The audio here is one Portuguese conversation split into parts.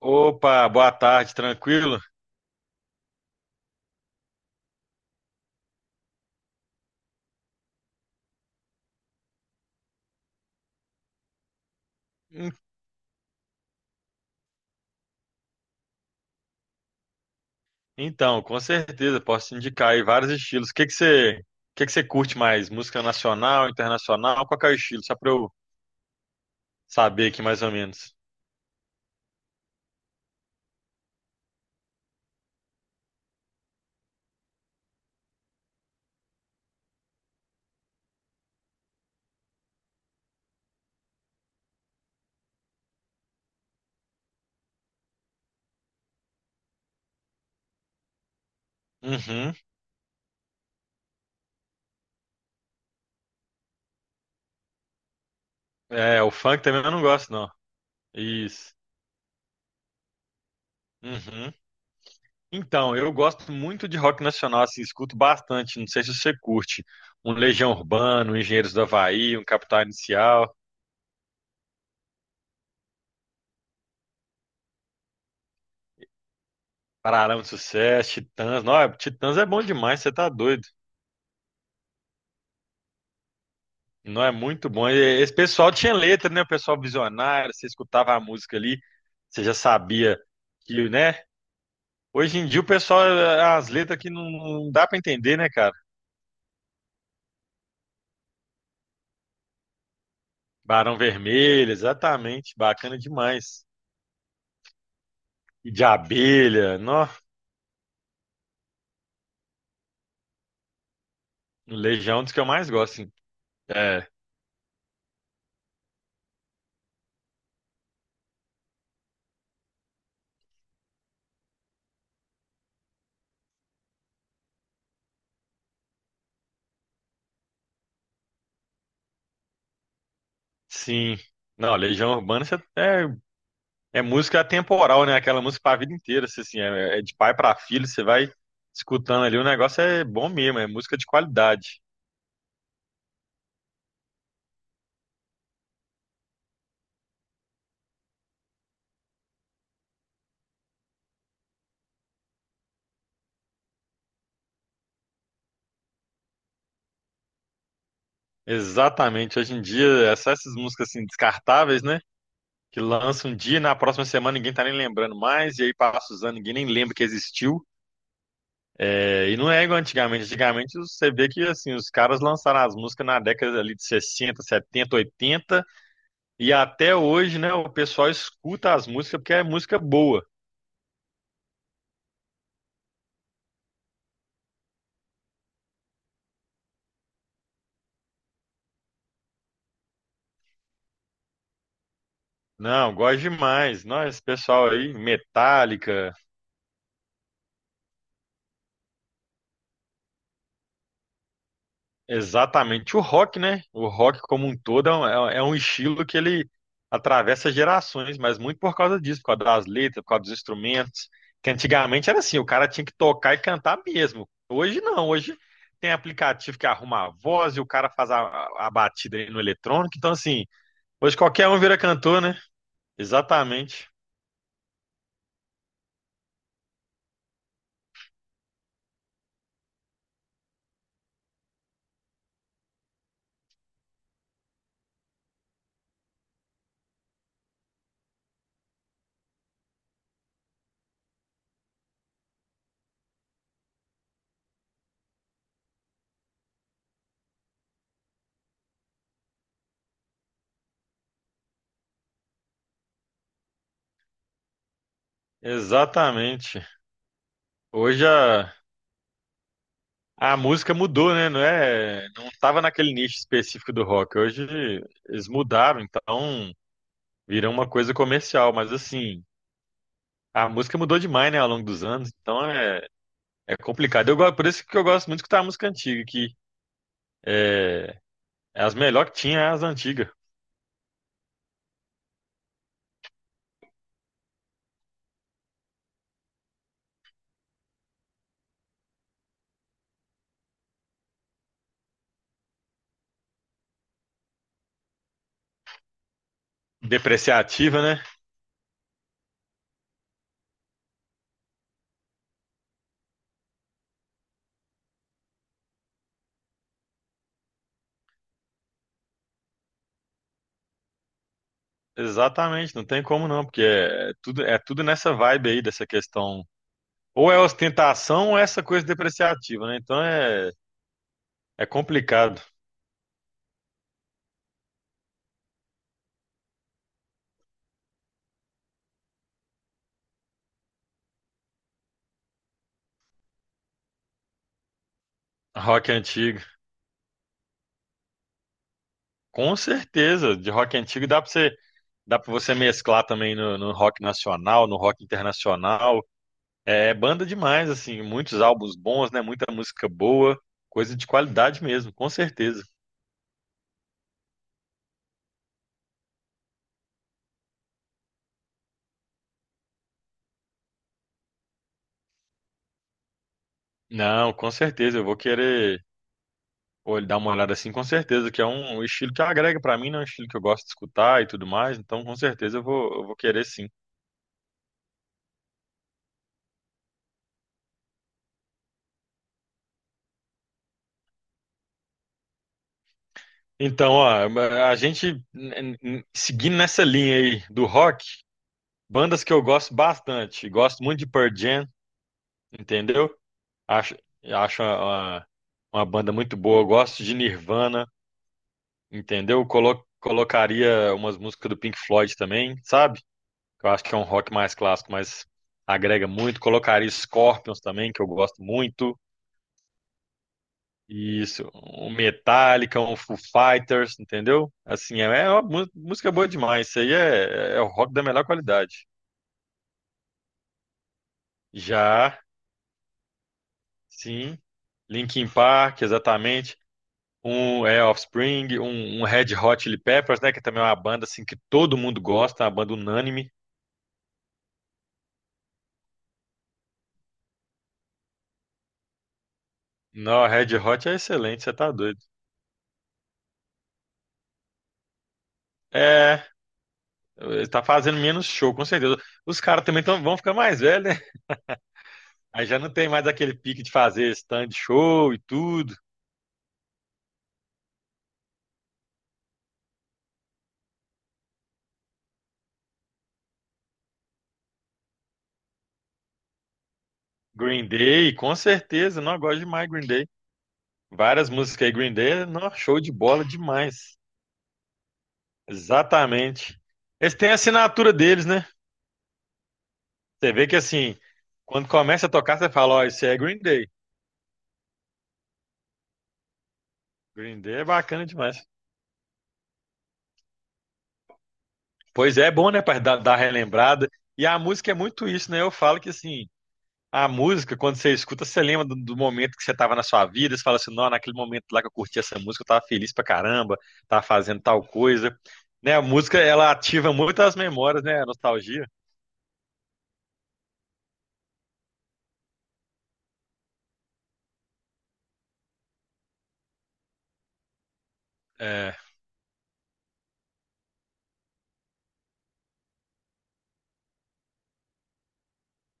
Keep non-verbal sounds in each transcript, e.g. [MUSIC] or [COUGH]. Opa, boa tarde, tranquilo? Hum, Então, com certeza, posso te indicar aí vários estilos. O que que você curte mais? Música nacional, internacional? Qual que é o estilo? Só pra eu saber aqui mais ou menos. Uhum. É, o funk também eu não gosto, não. Isso. Uhum. Então, eu gosto muito de rock nacional, assim, escuto bastante. Não sei se você curte. Um Legião Urbana, um Engenheiros do Havaí, um Capital Inicial, Paralamas do Sucesso, Titãs. Não, Titãs é bom demais, você tá doido. Não é muito bom. E esse pessoal tinha letra, né? O pessoal visionário, você escutava a música ali, você já sabia que, né? Hoje em dia o pessoal, as letras que não dá pra entender, né, cara? Barão Vermelho, exatamente, bacana demais. E de abelha, nó, Legião é um dos que eu mais gosto, sim. É, sim. Não, é, é música atemporal, né? Aquela música pra vida inteira, você, assim, é, é de pai pra filho, você vai escutando ali, o negócio é bom mesmo, é música de qualidade. Exatamente. Hoje em dia, é só essas músicas assim descartáveis, né? Que lançam um dia e na próxima semana ninguém tá nem lembrando mais, e aí passa os anos, ninguém nem lembra que existiu. É, e não é igual antigamente. Antigamente você vê que assim, os caras lançaram as músicas na década ali de 60 70 80 e até hoje, né, o pessoal escuta as músicas porque é música boa. Não, gosto demais. Nós, pessoal aí, Metallica, exatamente. O rock, né? O rock como um todo é um, é um estilo que ele atravessa gerações, mas muito por causa disso, por causa das letras, por causa dos instrumentos. Que antigamente era assim, o cara tinha que tocar e cantar mesmo. Hoje não, hoje tem aplicativo que arruma a voz e o cara faz a batida aí no eletrônico. Então, assim, hoje qualquer um vira cantor, né? Exatamente. Exatamente. Hoje a, A música mudou, né? Não é, não tava naquele nicho específico do rock. Hoje eles mudaram, então virou uma coisa comercial, mas assim, a música mudou demais, né, ao longo dos anos, então é, é complicado. Eu, por isso que eu gosto muito de escutar a música antiga, que é, é as melhores que tinha é as antigas. Depreciativa, né? Exatamente, não tem como não, porque é tudo, é tudo nessa vibe aí dessa questão. Ou é ostentação ou é essa coisa depreciativa, né? Então é, é complicado. Rock antigo. Com certeza, de rock antigo dá para você mesclar também no, no rock nacional, no rock internacional. É banda demais, assim, muitos álbuns bons, né? Muita música boa, coisa de qualidade mesmo, com certeza. Não, com certeza, eu vou querer dar uma olhada assim, com certeza, que é um estilo que agrega pra mim, né? É um estilo que eu gosto de escutar e tudo mais, então com certeza eu vou querer sim. Então, ó, a gente seguindo nessa linha aí do rock, bandas que eu gosto bastante, gosto muito de Pearl Jam, entendeu? Acho, acho uma banda muito boa. Eu gosto de Nirvana, entendeu? Colocaria umas músicas do Pink Floyd também, sabe? Que eu acho que é um rock mais clássico, mas agrega muito. Colocaria Scorpions também, que eu gosto muito. Isso, um Metallica, um Foo Fighters, entendeu? Assim, é, é uma música boa demais. Isso aí é, é o rock da melhor qualidade. Já, sim, Linkin Park, exatamente. Um é Offspring, um Red Hot Chili Peppers, né? Que também é uma banda assim que todo mundo gosta, uma banda unânime. Não, Red Hot é excelente, você tá doido. É, ele tá fazendo menos show, com certeza. Os caras também tão, vão ficar mais velhos, né? Aí já não tem mais aquele pique de fazer stand show e tudo. Green Day, com certeza, não eu gosto demais de Green Day. Várias músicas aí, Green Day, não, show de bola demais. Exatamente. Eles têm a assinatura deles, né? Você vê que assim, quando começa a tocar, você fala, ó, isso é Green Day. Green Day é bacana demais. Pois é, é bom, né, para dar, dar relembrada. E a música é muito isso, né? Eu falo que assim, a música, quando você escuta, você lembra do, do momento que você estava na sua vida, você fala assim, não, naquele momento lá que eu curti essa música, eu tava feliz pra caramba, tava fazendo tal coisa. Né, a música, ela ativa muito as memórias, né, a nostalgia. É.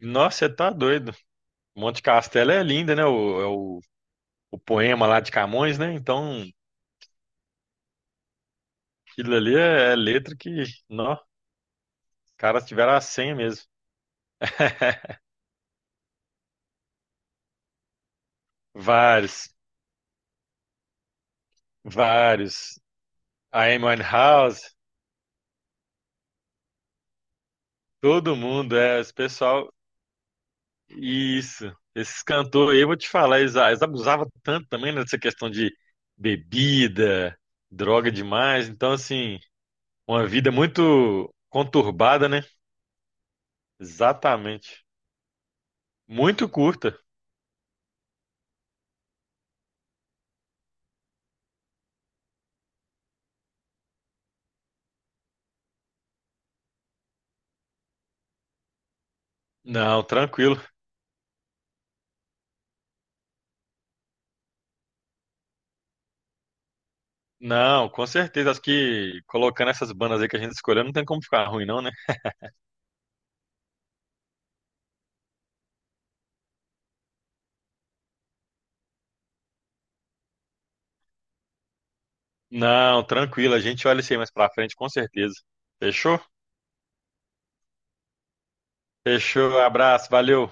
Nossa, você tá doido. Monte Castelo é linda, né? É o poema lá de Camões, né? Então, aquilo ali é letra que, não, caras tiveram a senha mesmo. [LAUGHS] Vários, vários. A Amy Winehouse, todo mundo, é, esse pessoal, isso. Esses cantores, eu vou te falar, eles abusavam tanto também nessa questão de bebida, droga demais. Então, assim, uma vida muito conturbada, né? Exatamente. Muito curta. Não, tranquilo. Não, com certeza. Acho que colocando essas bandas aí que a gente escolheu, não tem como ficar ruim, não, né? Não, tranquilo, a gente olha isso aí mais pra frente, com certeza. Fechou? Fechou, abraço, valeu.